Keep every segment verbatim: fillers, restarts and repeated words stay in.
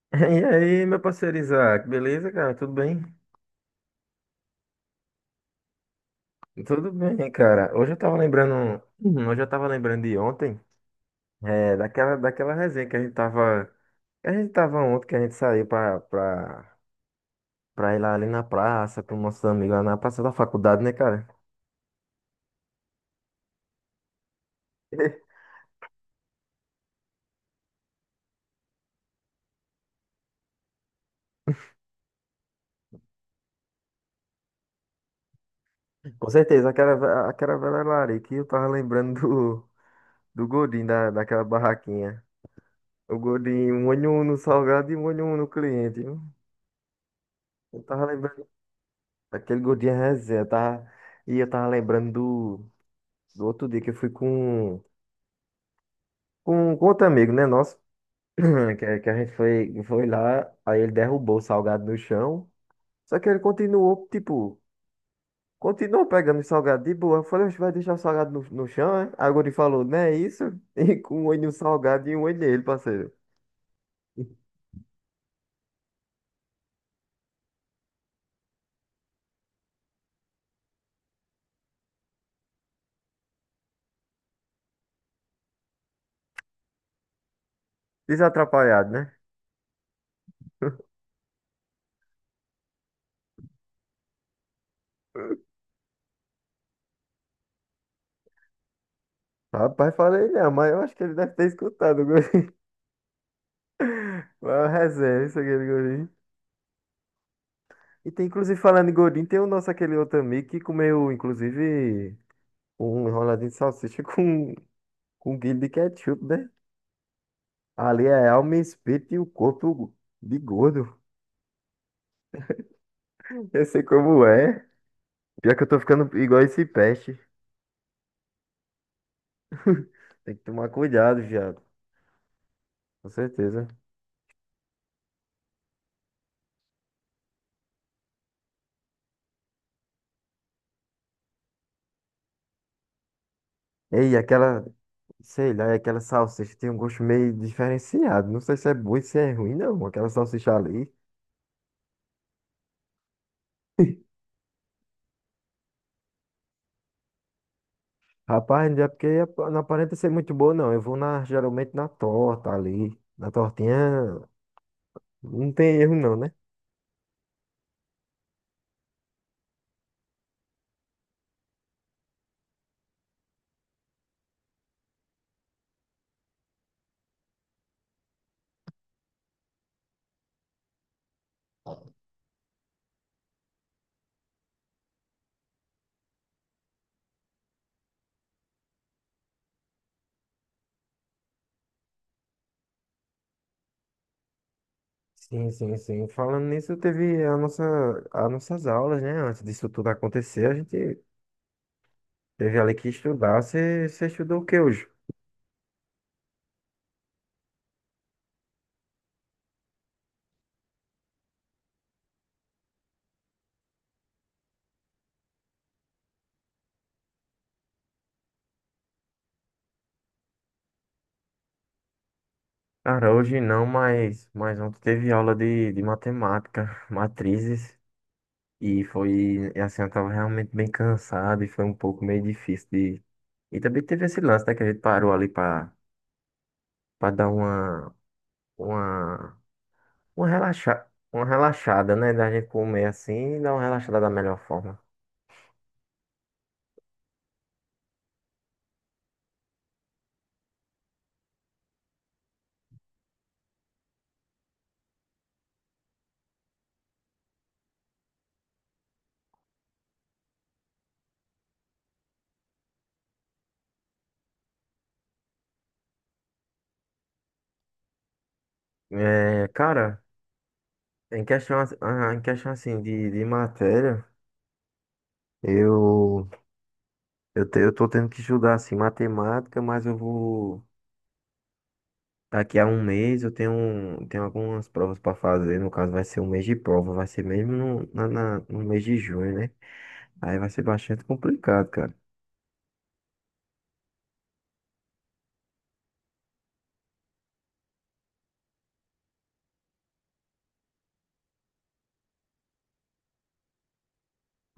E aí, meu parceiro Isaac, beleza, cara? Tudo bem? Tudo bem, cara. Hoje eu tava lembrando, uhum, hoje eu tava lembrando de ontem, é, daquela, daquela resenha que a gente tava, que a gente tava ontem, que a gente saiu pra, pra, pra ir lá ali na praça, com nossos amigos lá na praça da faculdade, né, cara? Com certeza, aquela, ve- aquela velha larica, e eu tava lembrando do, do Godinho, da, daquela barraquinha. O Godinho, um olho no salgado e um olho no cliente, viu? Eu tava lembrando. Aquele gordinho é resenha, tá? E eu tava lembrando do, do outro dia que eu fui com, com, com outro amigo, né? Nosso, que, que a gente foi, foi lá, aí ele derrubou o salgado no chão. Só que ele continuou, tipo, continuou pegando o salgado de boa. Eu falei, "Oxe, vai deixar o salgado no, no chão, é?" Aí o gordinho falou, não é isso? E com um olho no salgado e um olho nele, parceiro. Desatrapalhado, né? Rapaz, falei, não, mas eu acho que ele deve ter escutado o gordinho. Mas é resenha, isso aqui, gordinho. E tem, inclusive, falando em gordinho, tem o nosso aquele outro amigo que comeu, inclusive, um enroladinho de salsicha com, com um quilo de ketchup, né? Ali é alma, espírito e o corpo de gordo. Eu sei como é. Pior que eu tô ficando igual esse peste. Tem que tomar cuidado, viado. Com certeza. Ei, aquela, sei lá, aquela salsicha tem um gosto meio diferenciado. Não sei se é bom e se é ruim, não. Aquela salsicha ali. Rapaz, não é porque não aparenta ser muito boa, não. Eu vou na, geralmente na torta ali. Na tortinha não tem erro, não, né? Sim, sim, sim. Falando nisso, teve a nossa, as nossas aulas, né? Antes disso tudo acontecer, a gente teve ali que estudar. Você você estudou o que hoje? Cara, hoje não, mas, mas ontem teve aula de, de matemática, matrizes, e foi, e assim, eu tava realmente bem cansado e foi um pouco meio difícil de... E também teve esse lance, né, que a gente parou ali pra, pra dar uma, uma, uma, relaxa, uma relaxada, né? Da gente comer assim e dar uma relaxada da melhor forma. É, cara, em questão, ass- ah, em questão assim de, de matéria, eu, eu, te, eu tô tendo que estudar assim matemática, mas eu vou. Daqui a um mês eu tenho, um, tenho algumas provas para fazer. No caso, vai ser um mês de prova, vai ser mesmo no, na, na- no mês de junho, né? Aí vai ser bastante complicado, cara.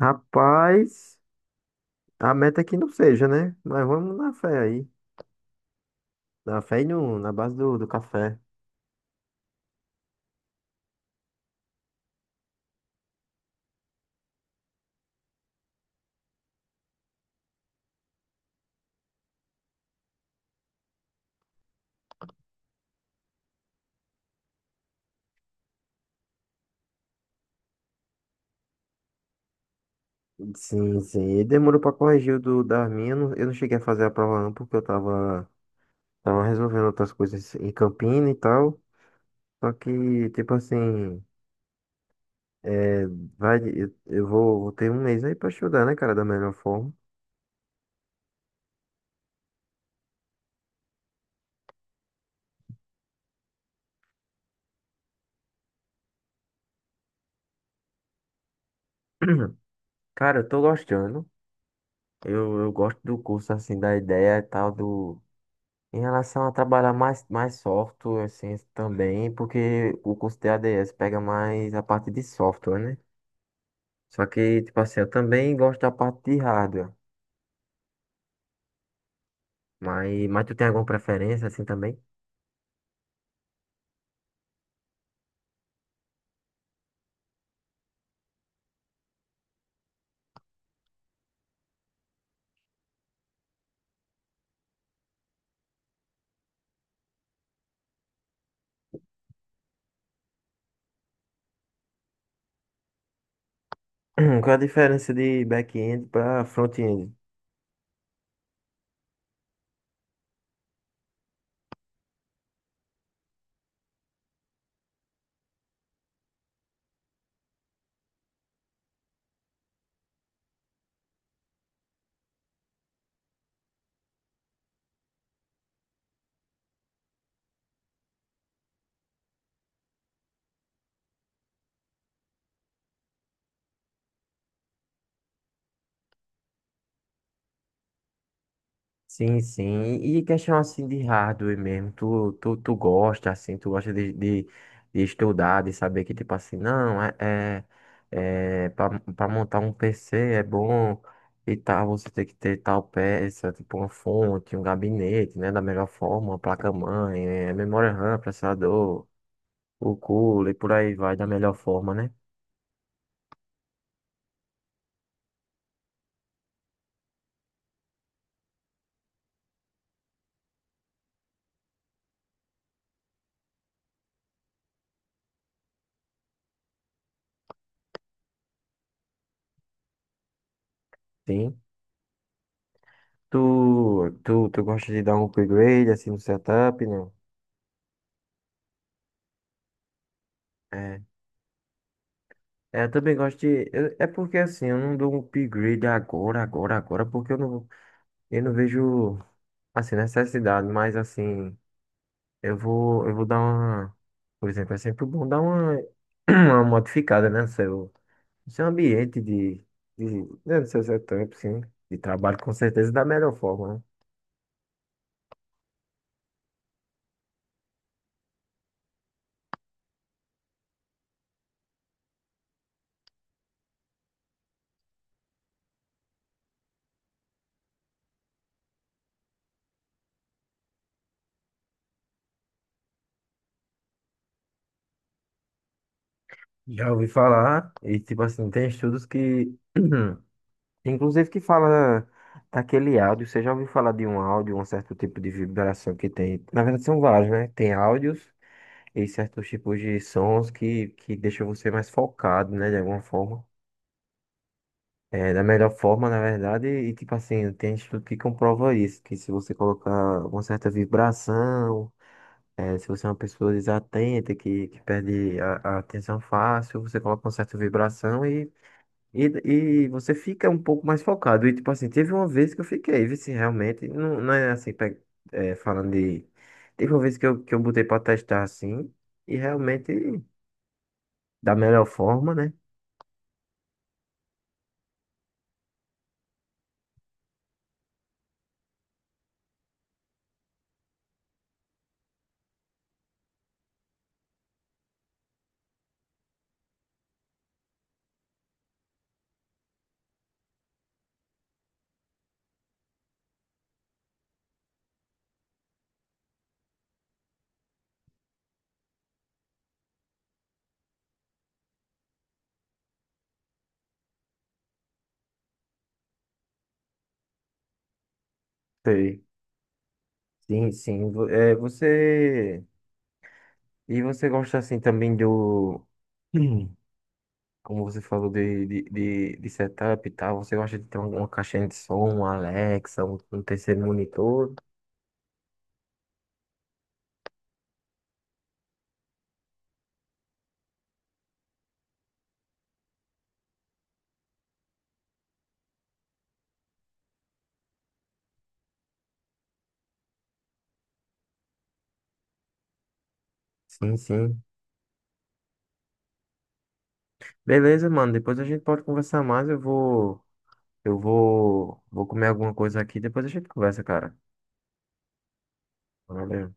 Rapaz, a meta é que não seja, né? Mas vamos na fé aí. Na fé e no, na base do, do café. Sim, sim. E demorou pra corrigir o do, da minha. Eu não, eu não cheguei a fazer a prova não, porque eu tava, tava resolvendo outras coisas em Campina e tal. Só que, tipo assim, é, vai, eu, eu vou, vou ter um mês aí pra estudar, né, cara, da melhor forma. Cara, eu tô gostando. Eu, eu gosto do curso, assim, da ideia e tal, do... Em relação a trabalhar mais, mais software, assim, também, porque o curso de A D S pega mais a parte de software, né? Só que, tipo assim, eu também gosto da parte de hardware. Mas, mas tu tem alguma preferência assim também? Qual é a diferença de back-end para front-end? Sim, sim. E questão assim de hardware mesmo. Tu, tu, tu gosta, assim, tu gosta de, de, de estudar, de saber que, tipo assim, não, é, é, é para para montar um P C é bom e tal, você tem que ter tal peça, tipo uma fonte, um gabinete, né? Da melhor forma, uma placa-mãe, é, memória RAM, processador, o cooler e por aí vai da melhor forma, né? Sim. Tu, tu, tu gosta de dar um upgrade assim no setup, não? É. É, eu também gosto de. eu- é porque assim, eu não dou um upgrade agora, agora, agora, porque eu não, eu não vejo assim, necessidade, mas assim, eu vou, eu vou dar uma. Por exemplo, é sempre bom dar uma, uma modificada, né? No seu, no seu ambiente de, de, né, no seu setup, sim. De trabalho, com certeza, da melhor forma, né? Já ouvi falar, e tipo assim, tem estudos que, inclusive que fala daquele áudio, você já ouviu falar de um áudio, um certo tipo de vibração que tem, na verdade são vários, né? Tem áudios e certos tipos de sons que, que deixam você mais focado, né, de alguma forma. É, da melhor forma, na verdade, e tipo assim, tem estudo que comprova isso, que se você colocar uma certa vibração, é, se você é uma pessoa desatenta, que, que perde a, a atenção fácil, você coloca uma certa vibração. E, e você fica um pouco mais focado. E, tipo assim, teve uma vez que eu fiquei, vi se realmente, não, não é assim, pe- é, falando de. Teve uma vez que eu, que eu botei pra testar assim, e realmente, da melhor forma, né? Sei. Sim, sim. Vo- é, você. E você gosta assim também do. Hum, Como você falou de, de, de, de setup e tal, você gosta de ter uma, uma caixinha de som, um Alexa, um, um terceiro monitor? Sim, sim. Beleza, mano. Depois a gente pode conversar mais. Eu vou. Eu vou, vou comer alguma coisa aqui, depois a gente conversa, cara. Valeu.